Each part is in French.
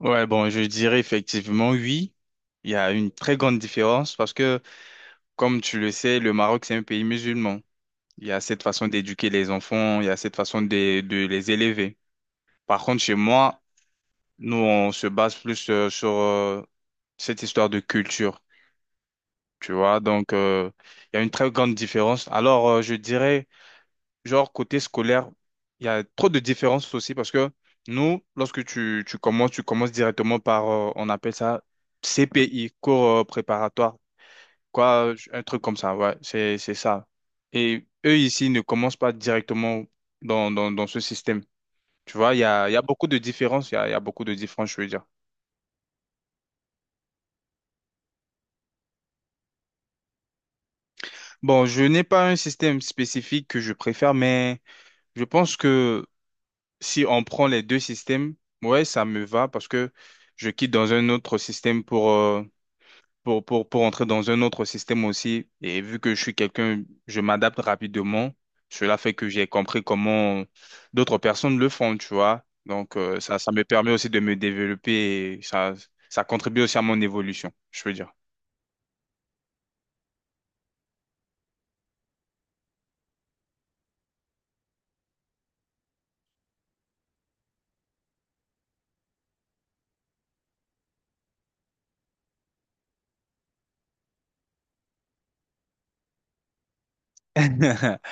Ouais, bon, je dirais effectivement oui. Il y a une très grande différence parce que, comme tu le sais, le Maroc, c'est un pays musulman. Il y a cette façon d'éduquer les enfants, il y a cette façon de les élever. Par contre, chez moi, nous, on se base plus sur cette histoire de culture, tu vois. Donc, il y a une très grande différence. Alors, je dirais... genre côté scolaire, il y a trop de différences aussi parce que nous, lorsque tu commences, tu commences directement par, on appelle ça CPI, cours préparatoire, quoi, un truc comme ça, ouais, c'est ça. Et eux ici ne commencent pas directement dans ce système. Tu vois, il y a beaucoup de différences, il y a beaucoup de différences, je veux dire. Bon, je n'ai pas un système spécifique que je préfère, mais je pense que si on prend les deux systèmes, ouais, ça me va parce que je quitte dans un autre système pour, pour entrer dans un autre système aussi. Et vu que je suis quelqu'un, je m'adapte rapidement. Cela fait que j'ai compris comment d'autres personnes le font, tu vois. Donc, ça, ça me permet aussi de me développer et ça contribue aussi à mon évolution, je veux dire.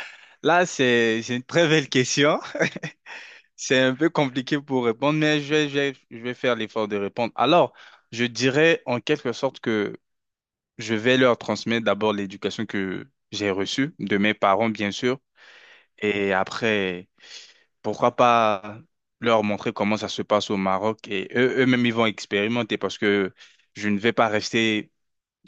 Là, c'est une très belle question. C'est un peu compliqué pour répondre, mais je vais faire l'effort de répondre. Alors, je dirais en quelque sorte que je vais leur transmettre d'abord l'éducation que j'ai reçue de mes parents, bien sûr, et après, pourquoi pas leur montrer comment ça se passe au Maroc et eux, eux-mêmes, ils vont expérimenter parce que je ne vais pas rester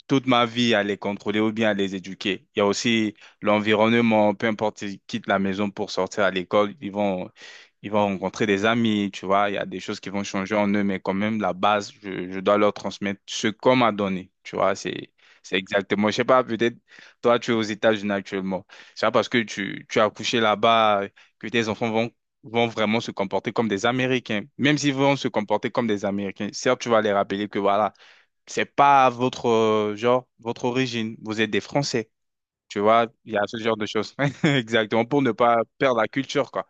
toute ma vie à les contrôler ou bien à les éduquer. Il y a aussi l'environnement, peu importe, ils quittent la maison pour sortir à l'école, ils vont rencontrer des amis, tu vois, il y a des choses qui vont changer en eux, mais quand même, la base, je dois leur transmettre ce qu'on m'a donné, tu vois, c'est exactement, je sais pas, peut-être, toi, tu es aux États-Unis actuellement, c'est pas parce que tu as accouché là-bas que tes enfants vont vont vraiment se comporter comme des Américains, même s'ils vont se comporter comme des Américains. Certes, tu vas les rappeler que voilà, c'est pas votre genre, votre origine. Vous êtes des Français. Tu vois, il y a ce genre de choses. Exactement, pour ne pas perdre la culture, quoi.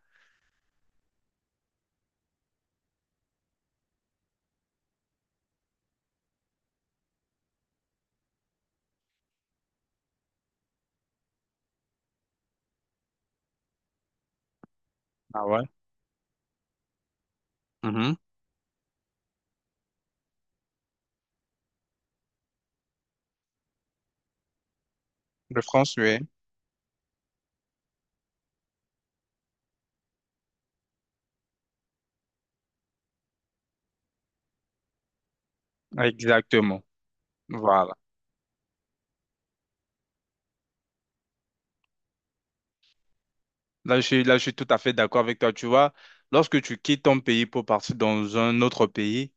Ah ouais? Mhm. Le français. Exactement. Voilà. Là, je suis tout à fait d'accord avec toi. Tu vois, lorsque tu quittes ton pays pour partir dans un autre pays,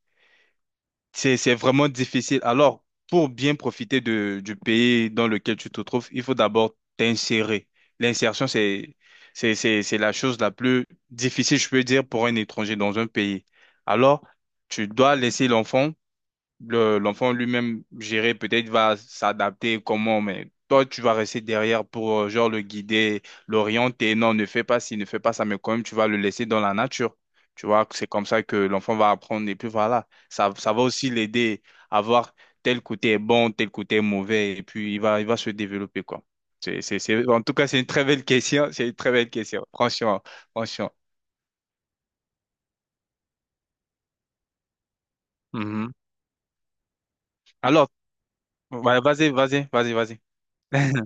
c'est vraiment difficile. Alors, pour bien profiter du pays dans lequel tu te trouves, il faut d'abord t'insérer. L'insertion, c'est la chose la plus difficile, je peux dire, pour un étranger dans un pays. Alors, tu dois laisser l'enfant l'enfant lui-même, gérer, peut-être va s'adapter comment, mais toi, tu vas rester derrière pour, genre, le guider, l'orienter. Non, ne fais pas ci, ne fais pas ça, mais quand même, tu vas le laisser dans la nature. Tu vois, c'est comme ça que l'enfant va apprendre. Et puis voilà, ça va aussi l'aider à voir tel côté est bon, tel côté est mauvais, et puis il va se développer, quoi. En tout cas, c'est une très belle question. C'est une très belle question. Franchement, franchement. Mhm. Alors, ouais, vas-y.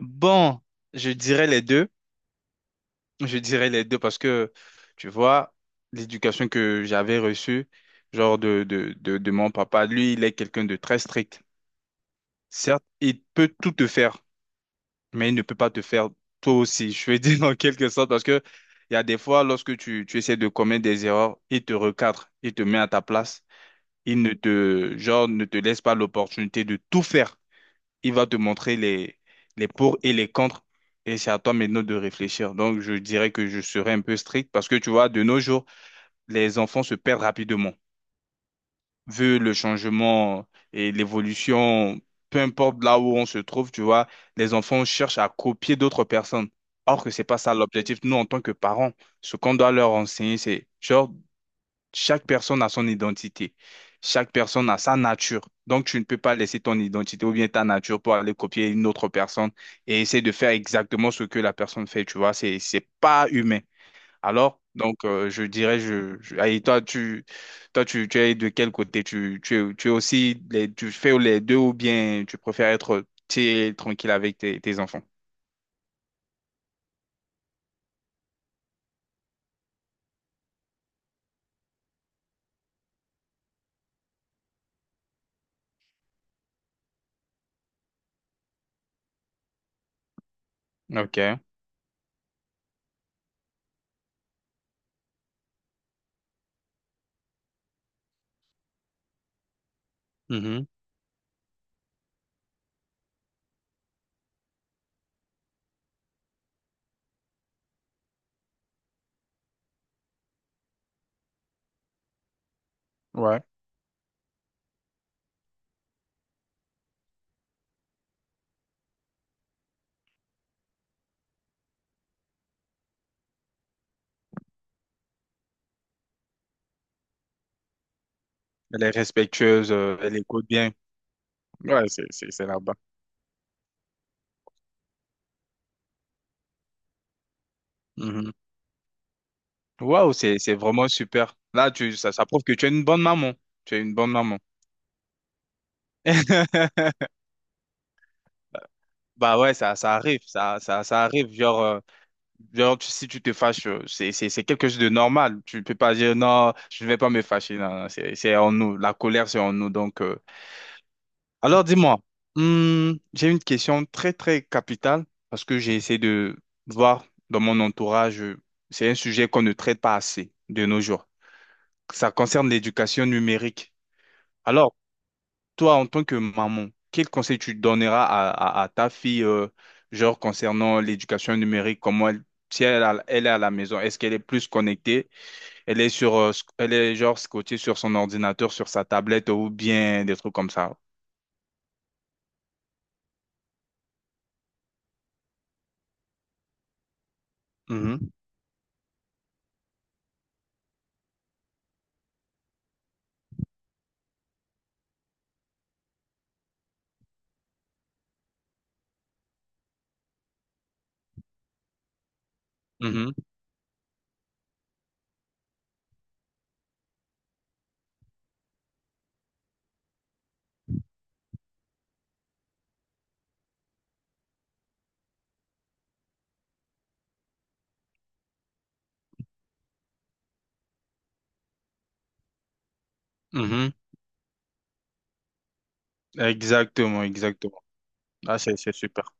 Bon, je dirais les deux. Je dirais les deux parce que, tu vois, l'éducation que j'avais reçue, genre de mon papa, lui, il est quelqu'un de très strict. Certes, il peut tout te faire, mais il ne peut pas te faire toi aussi. Je veux dire en quelque sorte parce que il y a des fois, lorsque tu essaies de commettre des erreurs, il te recadre, il te met à ta place, il ne te, genre, ne te laisse pas l'opportunité de tout faire il va te montrer les pour et les contre. Et c'est à toi maintenant de réfléchir. Donc, je dirais que je serais un peu strict parce que tu vois, de nos jours, les enfants se perdent rapidement. Vu le changement et l'évolution, peu importe là où on se trouve, tu vois, les enfants cherchent à copier d'autres personnes. Or que c'est pas ça l'objectif. Nous, en tant que parents, ce qu'on doit leur enseigner, c'est genre chaque personne a son identité. Chaque personne a sa nature. Donc, tu ne peux pas laisser ton identité ou bien ta nature pour aller copier une autre personne et essayer de faire exactement ce que la personne fait. Tu vois, c'est pas humain. Alors, donc, je dirais, je- et toi, tu, toi, tu es de quel côté? Tu es aussi, tu fais les deux ou bien tu préfères être tu es tranquille avec tes, tes enfants? Ok. Mhm. Ouais. Elle est respectueuse, elle écoute bien. Ouais, c'est là-bas. Waouh, c'est vraiment super. Là, tu, ça prouve que tu es une bonne maman. Tu es une bonne maman. Bah ouais, ça arrive, ça arrive. Genre, si tu te fâches, c'est quelque chose de normal. Tu ne peux pas dire non, je ne vais pas me fâcher. Non, non, c'est en nous. La colère, c'est en nous. Donc, alors dis-moi, hmm, j'ai une question très, très capitale parce que j'ai essayé de voir dans mon entourage, c'est un sujet qu'on ne traite pas assez de nos jours. Ça concerne l'éducation numérique. Alors, toi, en tant que maman, quel conseil tu donneras à ta fille, genre concernant l'éducation numérique, comment elle, si elle, elle est à la maison, est-ce qu'elle est plus connectée, elle est sur, elle est genre scotchée sur son ordinateur, sur sa tablette ou bien des trucs comme ça. Mhm, mhm, mhm. Exactement, exactement. Ah, c'est super.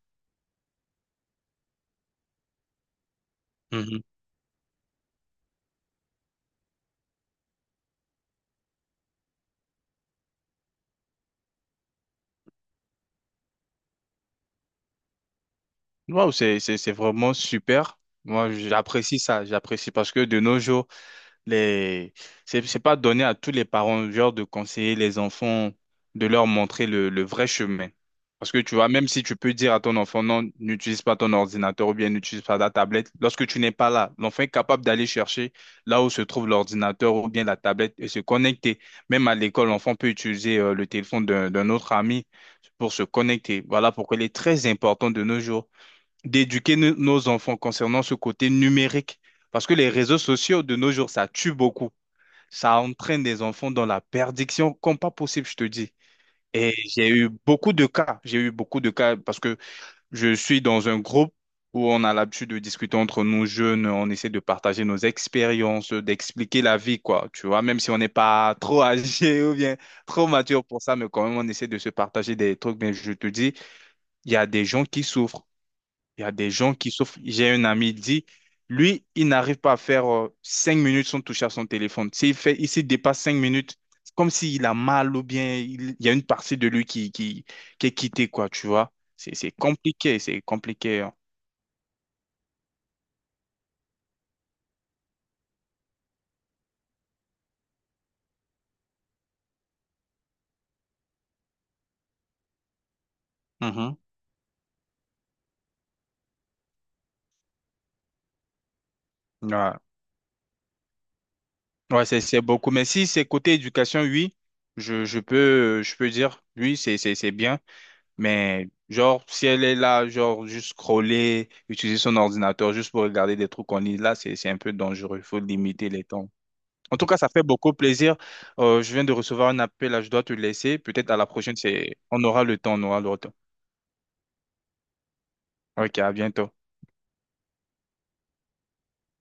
Mhm. Waouh, c'est vraiment super. Moi, j'apprécie ça, j'apprécie parce que de nos jours, les... c'est pas donné à tous les parents, genre, de conseiller les enfants, de leur montrer le vrai chemin. Parce que tu vois, même si tu peux dire à ton enfant, non, n'utilise pas ton ordinateur ou bien n'utilise pas la tablette, lorsque tu n'es pas là, l'enfant est capable d'aller chercher là où se trouve l'ordinateur ou bien la tablette et se connecter. Même à l'école, l'enfant peut utiliser le téléphone d'un autre ami pour se connecter. Voilà pourquoi il est très important de nos jours d'éduquer nos enfants concernant ce côté numérique. Parce que les réseaux sociaux de nos jours, ça tue beaucoup. Ça entraîne des enfants dans la perdition comme pas possible, je te dis. Et j'ai eu beaucoup de cas. J'ai eu beaucoup de cas parce que je suis dans un groupe où on a l'habitude de discuter entre nous jeunes, on essaie de partager nos expériences, d'expliquer la vie, quoi. Tu vois, même si on n'est pas trop âgé ou bien trop mature pour ça, mais quand même, on essaie de se partager des trucs. Mais je te dis, il y a des gens qui souffrent. Il y a des gens qui sauf j'ai un ami, il dit, lui, il n'arrive pas à faire 5 minutes sans toucher à son téléphone. S'il fait, il s'il dépasse 5 minutes, c'est comme s'il a mal ou bien il y a une partie de lui qui est quittée, quoi, tu vois. C'est compliqué, c'est compliqué, hein. Mhm. Ouais, ouais, c'est beaucoup. Mais si c'est côté éducation, oui, je peux dire, oui, c'est bien. Mais genre, si elle est là, genre, juste scroller, utiliser son ordinateur juste pour regarder des trucs qu'on lit, là, c'est un peu dangereux. Il faut limiter les temps. En tout cas, ça fait beaucoup plaisir. Je viens de recevoir un appel, là, je dois te laisser. Peut-être à la prochaine, c'est... on aura le temps, on aura le temps. Ok, à bientôt.